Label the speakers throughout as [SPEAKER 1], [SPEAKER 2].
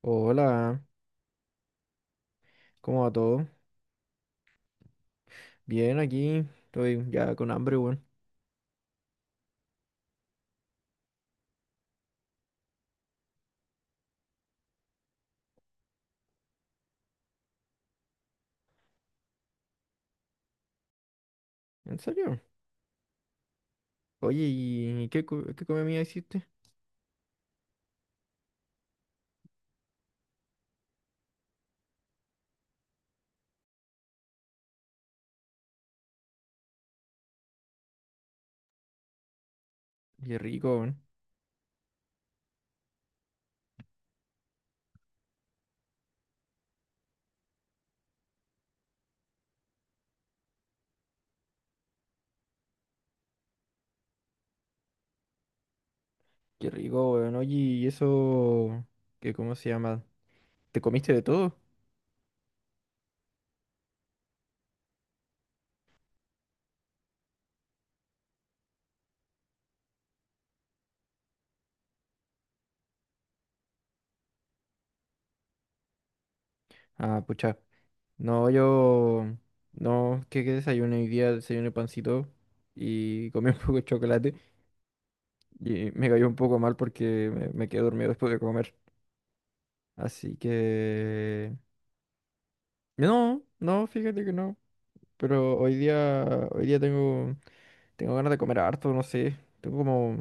[SPEAKER 1] Hola, ¿cómo va todo? Bien, aquí estoy ya con hambre, weón. ¿En serio? Oye, ¿y qué comida hiciste? Qué rico, weón. Qué rico, weón. Oye, ¿y eso? ¿Qué, cómo se llama? ¿Te comiste de todo? Ah, pucha. No, yo... No, ¿qué, qué desayuné hoy día? Desayuné pancito y comí un poco de chocolate y me cayó un poco mal porque me quedé dormido después de comer. Así que... No, no, fíjate que no. Pero hoy día tengo, tengo ganas de comer harto, no sé. Tengo como,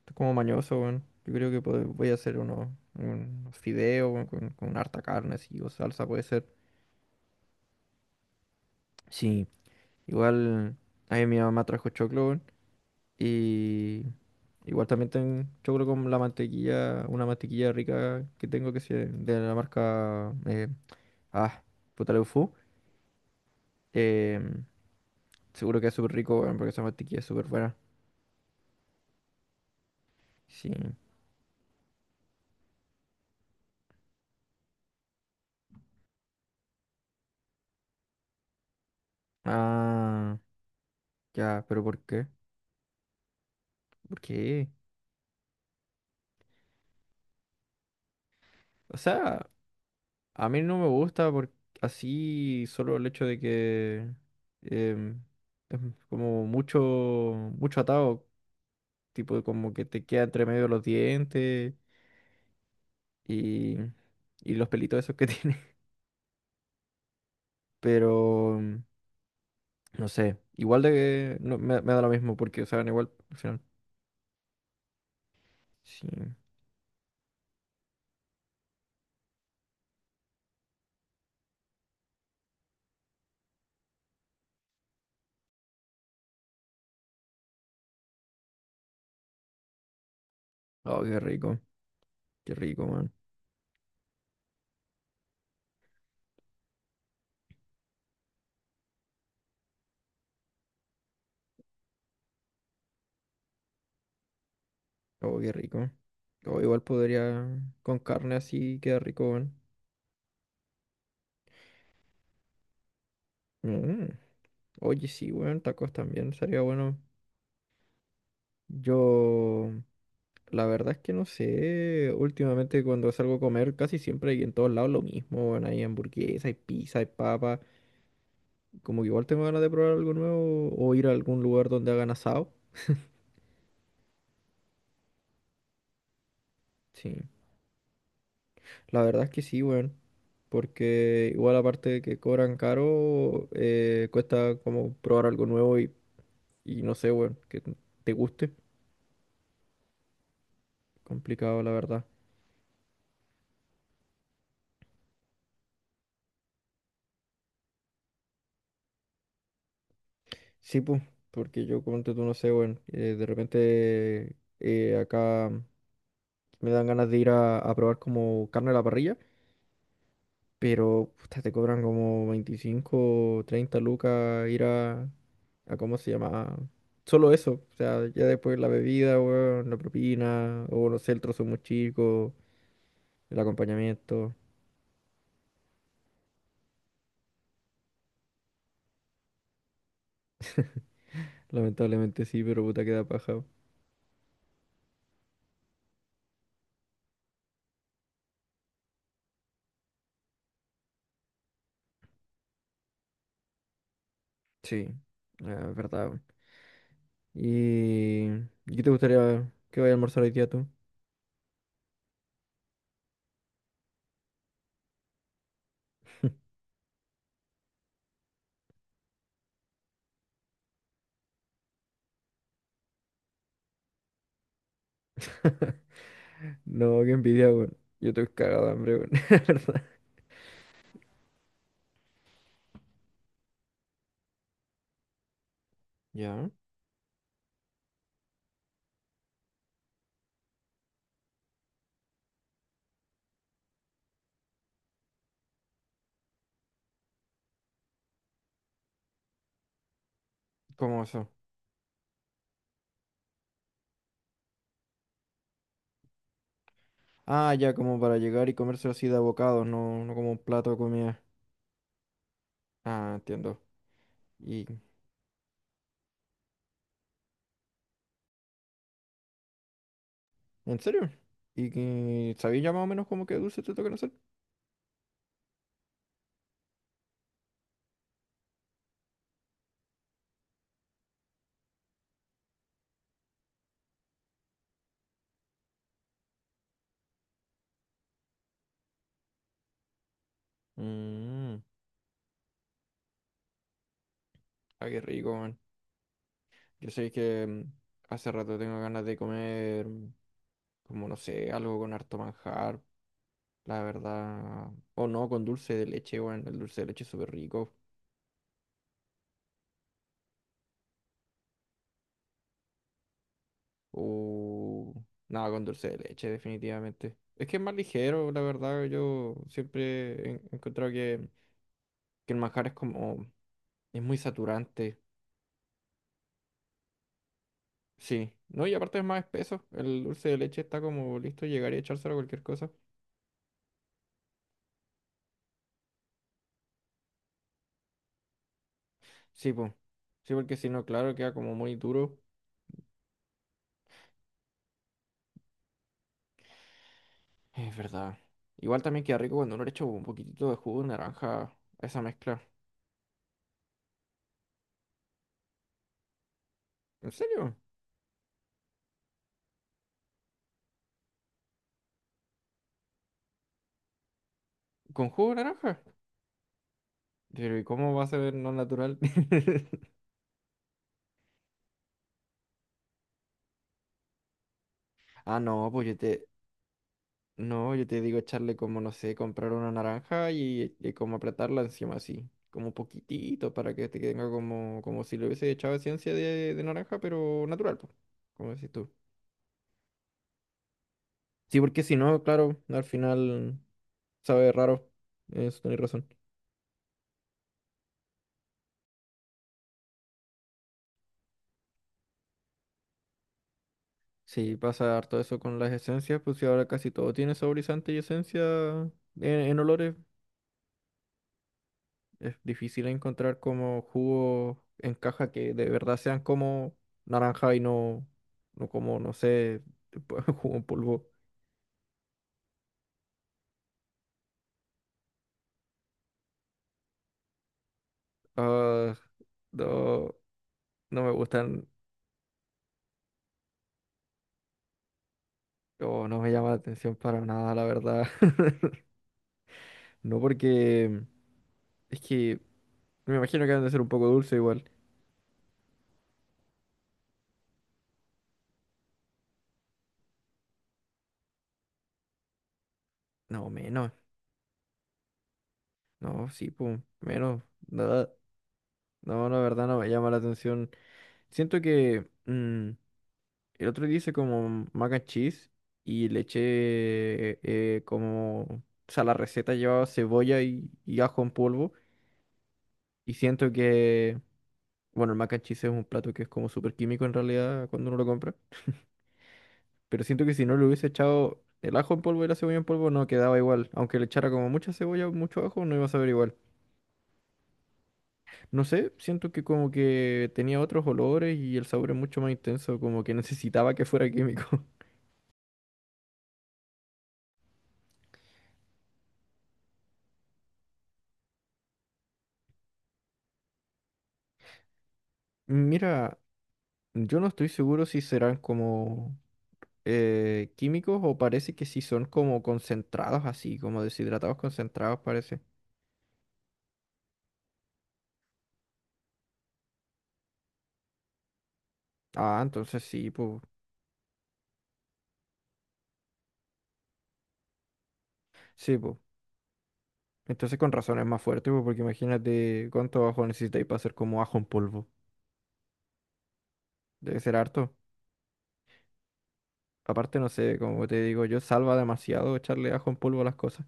[SPEAKER 1] estoy como mañoso, weón. Yo creo que voy a hacer unos, unos fideos, weón, con harta carne, así, o salsa puede ser. Sí, igual ahí mi mamá trajo choclo, weón, y igual también tengo choclo con la mantequilla, una mantequilla rica que tengo que es de la marca, ah, puta Leufu. Em, Seguro que es súper rico, weón, porque esa mantequilla es súper buena. Sí. Ah. Ya, pero ¿por qué? ¿Por qué? O sea, a mí no me gusta por así solo el hecho de que em, es como mucho, mucho atado, tipo como que te queda entre medio de los dientes y, y los pelitos esos que tiene. Pero no sé, igual de que no, me da lo mismo porque saben igual al final. Sí. Oh, qué rico, man. Oh, qué rico. Oh, igual podría con carne así queda rico, man. Mm. Oye, sí, weón, tacos también, sería bueno. Yo, la verdad es que no sé, últimamente cuando salgo a comer casi siempre hay en todos lados lo mismo, weón, hay hamburguesa, hay pizza, hay papa, como que igual tengo ganas de probar algo nuevo o ir a algún lugar donde hagan asado. Sí, la verdad es que sí, weón, porque igual aparte de que cobran caro, cuesta como probar algo nuevo y no sé, weón, que te guste. Complicado, la verdad. Sí, pues, porque yo como tú no sé, bueno, de repente acá me dan ganas de ir a probar como carne a la parrilla, pero puta, te cobran como 25, 30 lucas ir a ¿cómo se llama? Solo eso, o sea, ya después la bebida, weón, la propina, o no sé, el trozo muy chico, el acompañamiento, lamentablemente sí, pero puta queda paja. Sí, ah, es verdad, weón. ¿Y, ¿y qué te gustaría que vaya a almorzar hoy día tú? No, qué envidia, weón. Yo estoy cagado de hambre, weón. La verdad. ¿Ya? ¿Cómo eso? Ah, ya, como para llegar y comerse así de bocados, no, no como un plato de comida. Ah, entiendo. ¿Y en serio? ¿Y que sabéis ya más o menos como que dulce te tocan hacer? Mmm, ah, qué rico, man. Yo sé que hace rato tengo ganas de comer, como no sé, algo con harto manjar, la verdad. O no, con dulce de leche, bueno, el dulce de leche es súper rico. Uh, nada, con dulce de leche, definitivamente. Es que es más ligero, la verdad. Yo siempre he encontrado que el manjar es como... Es muy saturante. Sí. No, y aparte es más espeso. El dulce de leche está como listo, llegar y echárselo a cualquier cosa. Sí, pues. Sí, porque si no, claro, queda como muy duro. Es verdad. Igual también queda rico cuando uno le echa un poquitito de jugo de naranja a esa mezcla. ¿En serio? ¿Con jugo de naranja? Pero ¿y cómo va a ser no natural? Ah, no, pues no, yo te digo echarle como, no sé, comprar una naranja y como apretarla encima así, como un poquitito para que te tenga como, como si le hubiese echado esencia de naranja, pero natural, po, como decís tú. Sí, porque si no, claro, al final sabe raro, eso tenés razón. Sí, pasa harto eso con las esencias, pues si ahora casi todo tiene saborizante y esencia en, en olores. Es difícil encontrar como jugos en caja que de verdad sean como naranja y no, no como, no sé, jugo en polvo. Ah, no, no me gustan, o no me llama la atención para nada, la verdad. No porque es que me, imagino que han de ser un poco dulce igual. No, menos. No, sí, pum, menos. Nada. No, la verdad no me llama la atención. Siento que... el otro día hice como mac and cheese y le eché como... O sea, la receta llevaba cebolla y ajo en polvo. Y siento que... Bueno, el mac and cheese es un plato que es como súper químico en realidad cuando uno lo compra. Pero siento que si no le hubiese echado el ajo en polvo y la cebolla en polvo no quedaba igual. Aunque le echara como mucha cebolla o mucho ajo no iba a saber igual. No sé, siento que como que tenía otros olores y el sabor es mucho más intenso. Como que necesitaba que fuera químico. Mira... Yo no estoy seguro si serán como químicos o parece que sí son como concentrados así, como deshidratados concentrados parece. Ah, entonces sí, pues, sí, pues. Entonces con razón es más fuerte, pues, porque imagínate cuánto ajo necesitáis para hacer como ajo en polvo. Debe ser harto. Aparte, no sé, como te digo, yo salva demasiado echarle ajo en polvo a las cosas.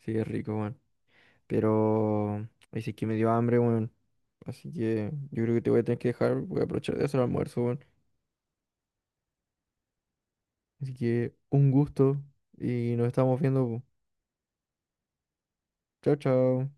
[SPEAKER 1] Sí, es rico, weón. Pero, ay, sí que me dio hambre, weón. Así que yo creo que te voy a tener que dejar, voy a aprovechar de hacer el almuerzo, weón. Así que un gusto y nos estamos viendo, po. Chao, chao.